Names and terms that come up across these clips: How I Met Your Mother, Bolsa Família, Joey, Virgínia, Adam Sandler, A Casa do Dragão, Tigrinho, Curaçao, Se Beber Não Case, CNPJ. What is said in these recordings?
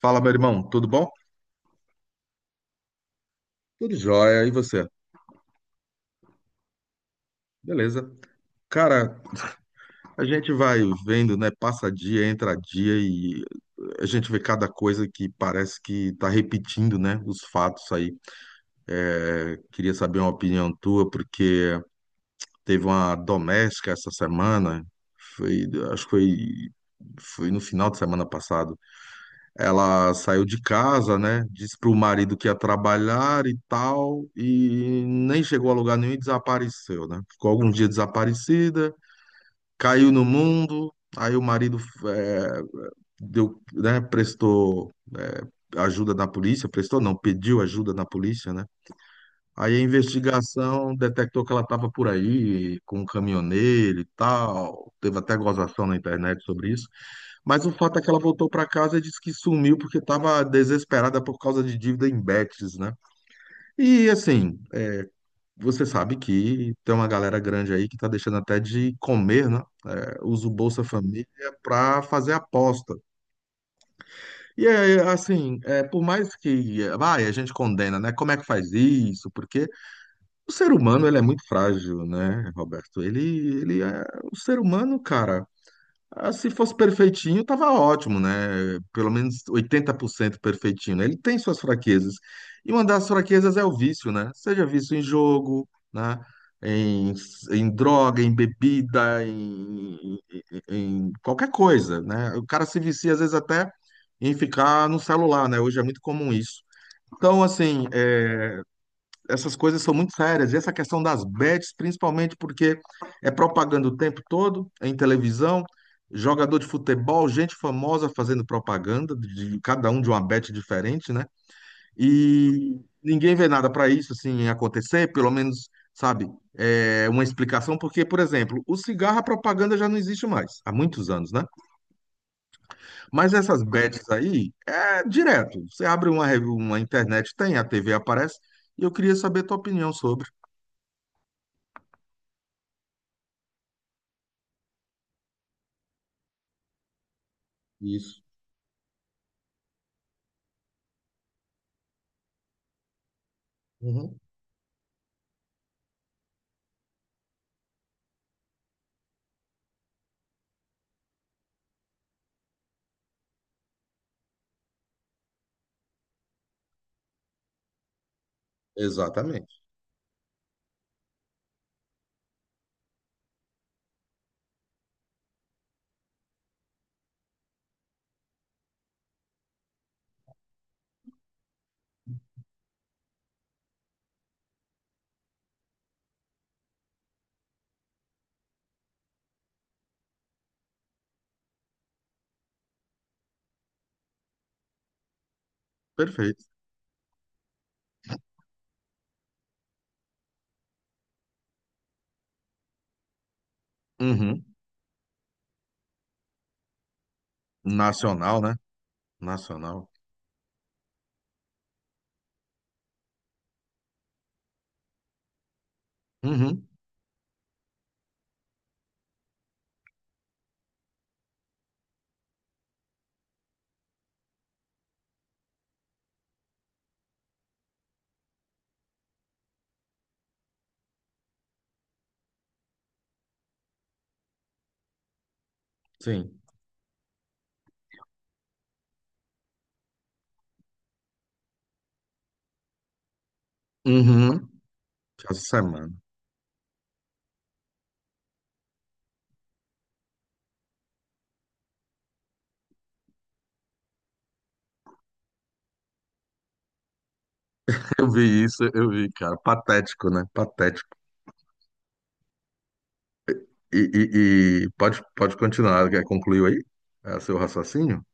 Fala, meu irmão, tudo bom? Tudo jóia, e você? Beleza. Cara, a gente vai vendo, né? Passa dia, entra dia e a gente vê cada coisa que parece que tá repetindo, né? Os fatos aí. É, queria saber uma opinião tua, porque teve uma doméstica essa semana, foi, acho que foi, foi no final de semana passado. Ela saiu de casa, né? Disse para o marido que ia trabalhar e tal, e nem chegou a lugar nenhum e desapareceu, né? Ficou alguns dias desaparecida, caiu no mundo. Aí o marido eh, deu, né? Prestou eh, ajuda na polícia, prestou não, pediu ajuda na polícia, né? Aí a investigação detectou que ela estava por aí com um caminhoneiro e tal. Teve até gozação na internet sobre isso. Mas o fato é que ela voltou para casa e disse que sumiu porque estava desesperada por causa de dívida em bets, né? E assim, você sabe que tem uma galera grande aí que está deixando até de comer, né? É, usa o Bolsa Família para fazer aposta. E é assim, é, por mais que, é, vai, a gente condena, né? Como é que faz isso? Porque o ser humano, ele é muito frágil, né, Roberto? Ele é o ser humano, cara. Ah, se fosse perfeitinho, tava ótimo, né? Pelo menos 80% perfeitinho, né? Ele tem suas fraquezas. E uma das fraquezas é o vício, né? Seja vício em jogo, né? Em, em droga, em bebida, em qualquer coisa, né? O cara se vicia, às vezes, até em ficar no celular, né? Hoje é muito comum isso. Então, assim, essas coisas são muito sérias. E essa questão das bets, principalmente porque é propaganda o tempo todo, em televisão, jogador de futebol, gente famosa fazendo propaganda, de cada um de uma bet diferente, né? E ninguém vê nada para isso assim acontecer, pelo menos, sabe, é uma explicação, porque, por exemplo, o cigarro, a propaganda já não existe mais, há muitos anos, né? Mas essas bets aí é direto. Você abre uma internet, tem, a TV aparece, e eu queria saber a tua opinião sobre isso. Uhum. Exatamente. Perfeito. Uhum. Nacional, né? Nacional. Uhum. Sim. Uhum. Essa semana. Eu vi isso, eu vi, cara. Patético, né? Patético. E pode, pode continuar, concluiu aí? É, seu raciocínio?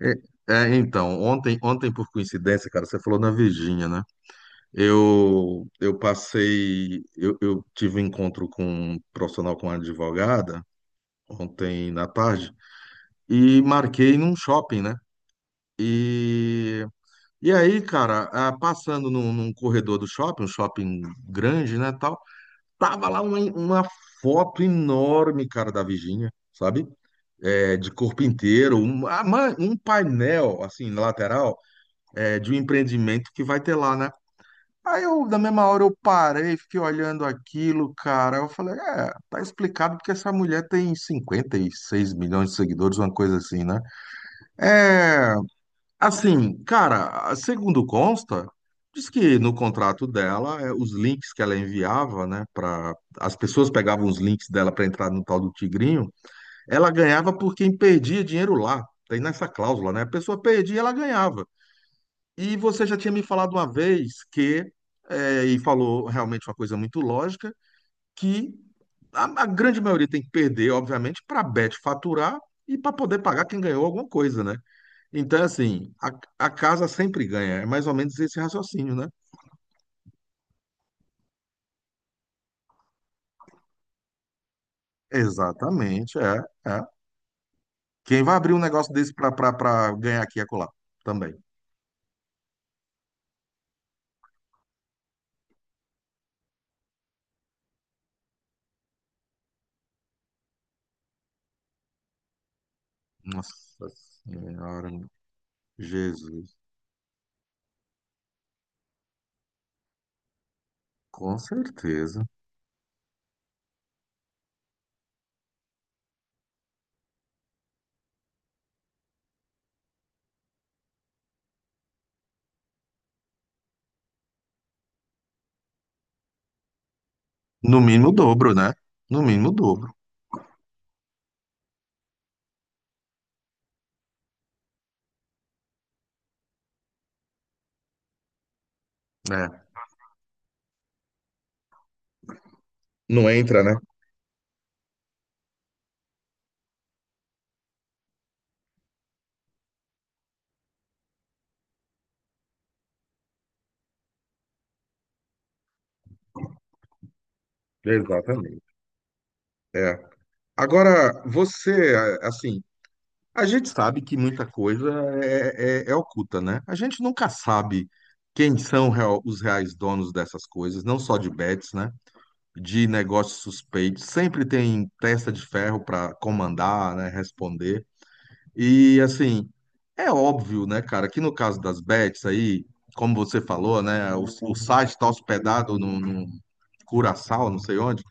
É, é, então, ontem, por coincidência, cara, você falou na Virgínia, né? Eu passei, eu tive um encontro com um profissional, com uma advogada, ontem na tarde, e marquei num shopping, né? E, e aí, cara, ah, passando num corredor do shopping, um shopping grande, né, tal, tava lá uma foto enorme, cara, da Virgínia, sabe? É, de corpo inteiro, um, ah, um painel, assim, na lateral, é, de um empreendimento que vai ter lá, né? Aí eu, na mesma hora, eu parei, fiquei olhando aquilo, cara, eu falei, é, tá explicado porque essa mulher tem 56 milhões de seguidores, uma coisa assim, né? É, assim, cara, segundo consta, diz que no contrato dela, os links que ela enviava, né, para as pessoas pegavam os links dela para entrar no tal do Tigrinho, ela ganhava por quem perdia dinheiro lá. Tem nessa cláusula, né? A pessoa perdia, ela ganhava. E você já tinha me falado uma vez que, e falou realmente uma coisa muito lógica, que a grande maioria tem que perder, obviamente, para a Bet faturar e para poder pagar quem ganhou alguma coisa, né? Então, assim, a casa sempre ganha. É mais ou menos esse raciocínio, né? Exatamente, é, é. Quem vai abrir um negócio desse pra pra ganhar aqui e acolá? Também. Nossa Senhora, Jesus. Com certeza. No mínimo o dobro, né? No mínimo o dobro. É. Não entra, né? Exatamente. É. Agora, você, assim, a gente sabe que muita coisa é oculta, né? A gente nunca sabe quem são os reais donos dessas coisas, não só de bets, né? De negócios suspeitos. Sempre tem testa de ferro para comandar, né? Responder. E, assim, é óbvio, né, cara, que no caso das bets aí, como você falou, né? O site está hospedado no Curaçao, não sei onde.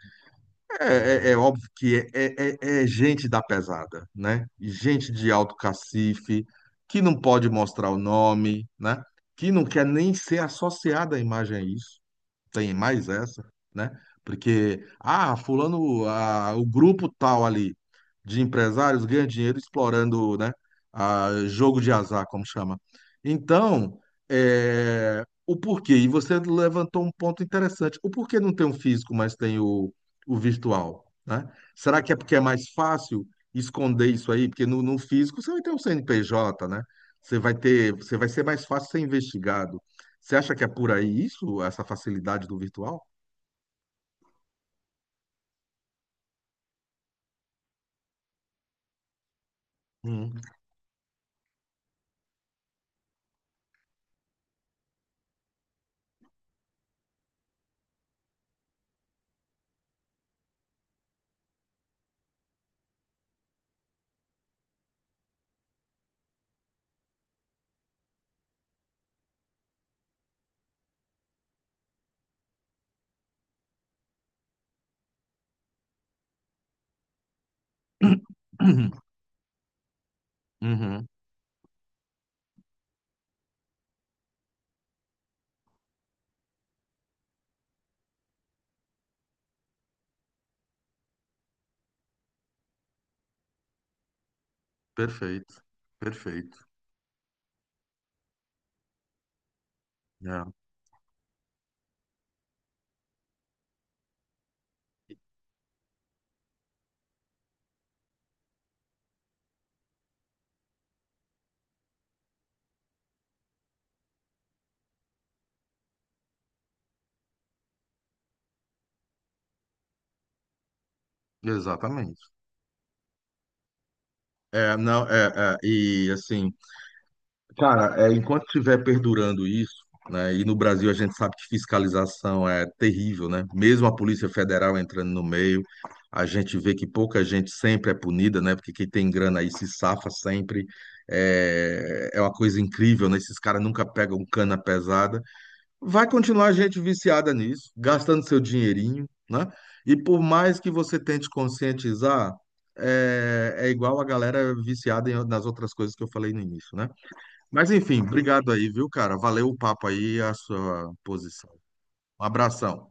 É óbvio que é gente da pesada, né? Gente de alto cacife, que não pode mostrar o nome, né? Que não quer nem ser associada à imagem a isso tem mais essa, né? Porque, ah, fulano, ah, o grupo tal ali de empresários ganha dinheiro explorando, né, ah, jogo de azar, como chama. Então, é, o porquê, e você levantou um ponto interessante, o porquê não tem o físico, mas tem o virtual, né? Será que é porque é mais fácil esconder isso aí? Porque no físico você vai ter um CNPJ, né? Você vai ter, você vai ser mais fácil ser investigado. Você acha que é por aí isso, essa facilidade do virtual? Hum. Uhum, perfeito, perfeito. É, exatamente. É, não, é, e assim, cara, é, enquanto estiver perdurando isso, né, e no Brasil a gente sabe que fiscalização é terrível, né? Mesmo a Polícia Federal entrando no meio, a gente vê que pouca gente sempre é punida, né? Porque quem tem grana aí se safa sempre. É, é uma coisa incrível, né? Esses caras nunca pegam cana pesada. Vai continuar gente viciada nisso, gastando seu dinheirinho, né? E por mais que você tente conscientizar, é, é igual a galera viciada nas outras coisas que eu falei no início, né? Mas enfim, obrigado aí, viu, cara? Valeu o papo aí, a sua posição. Um abração.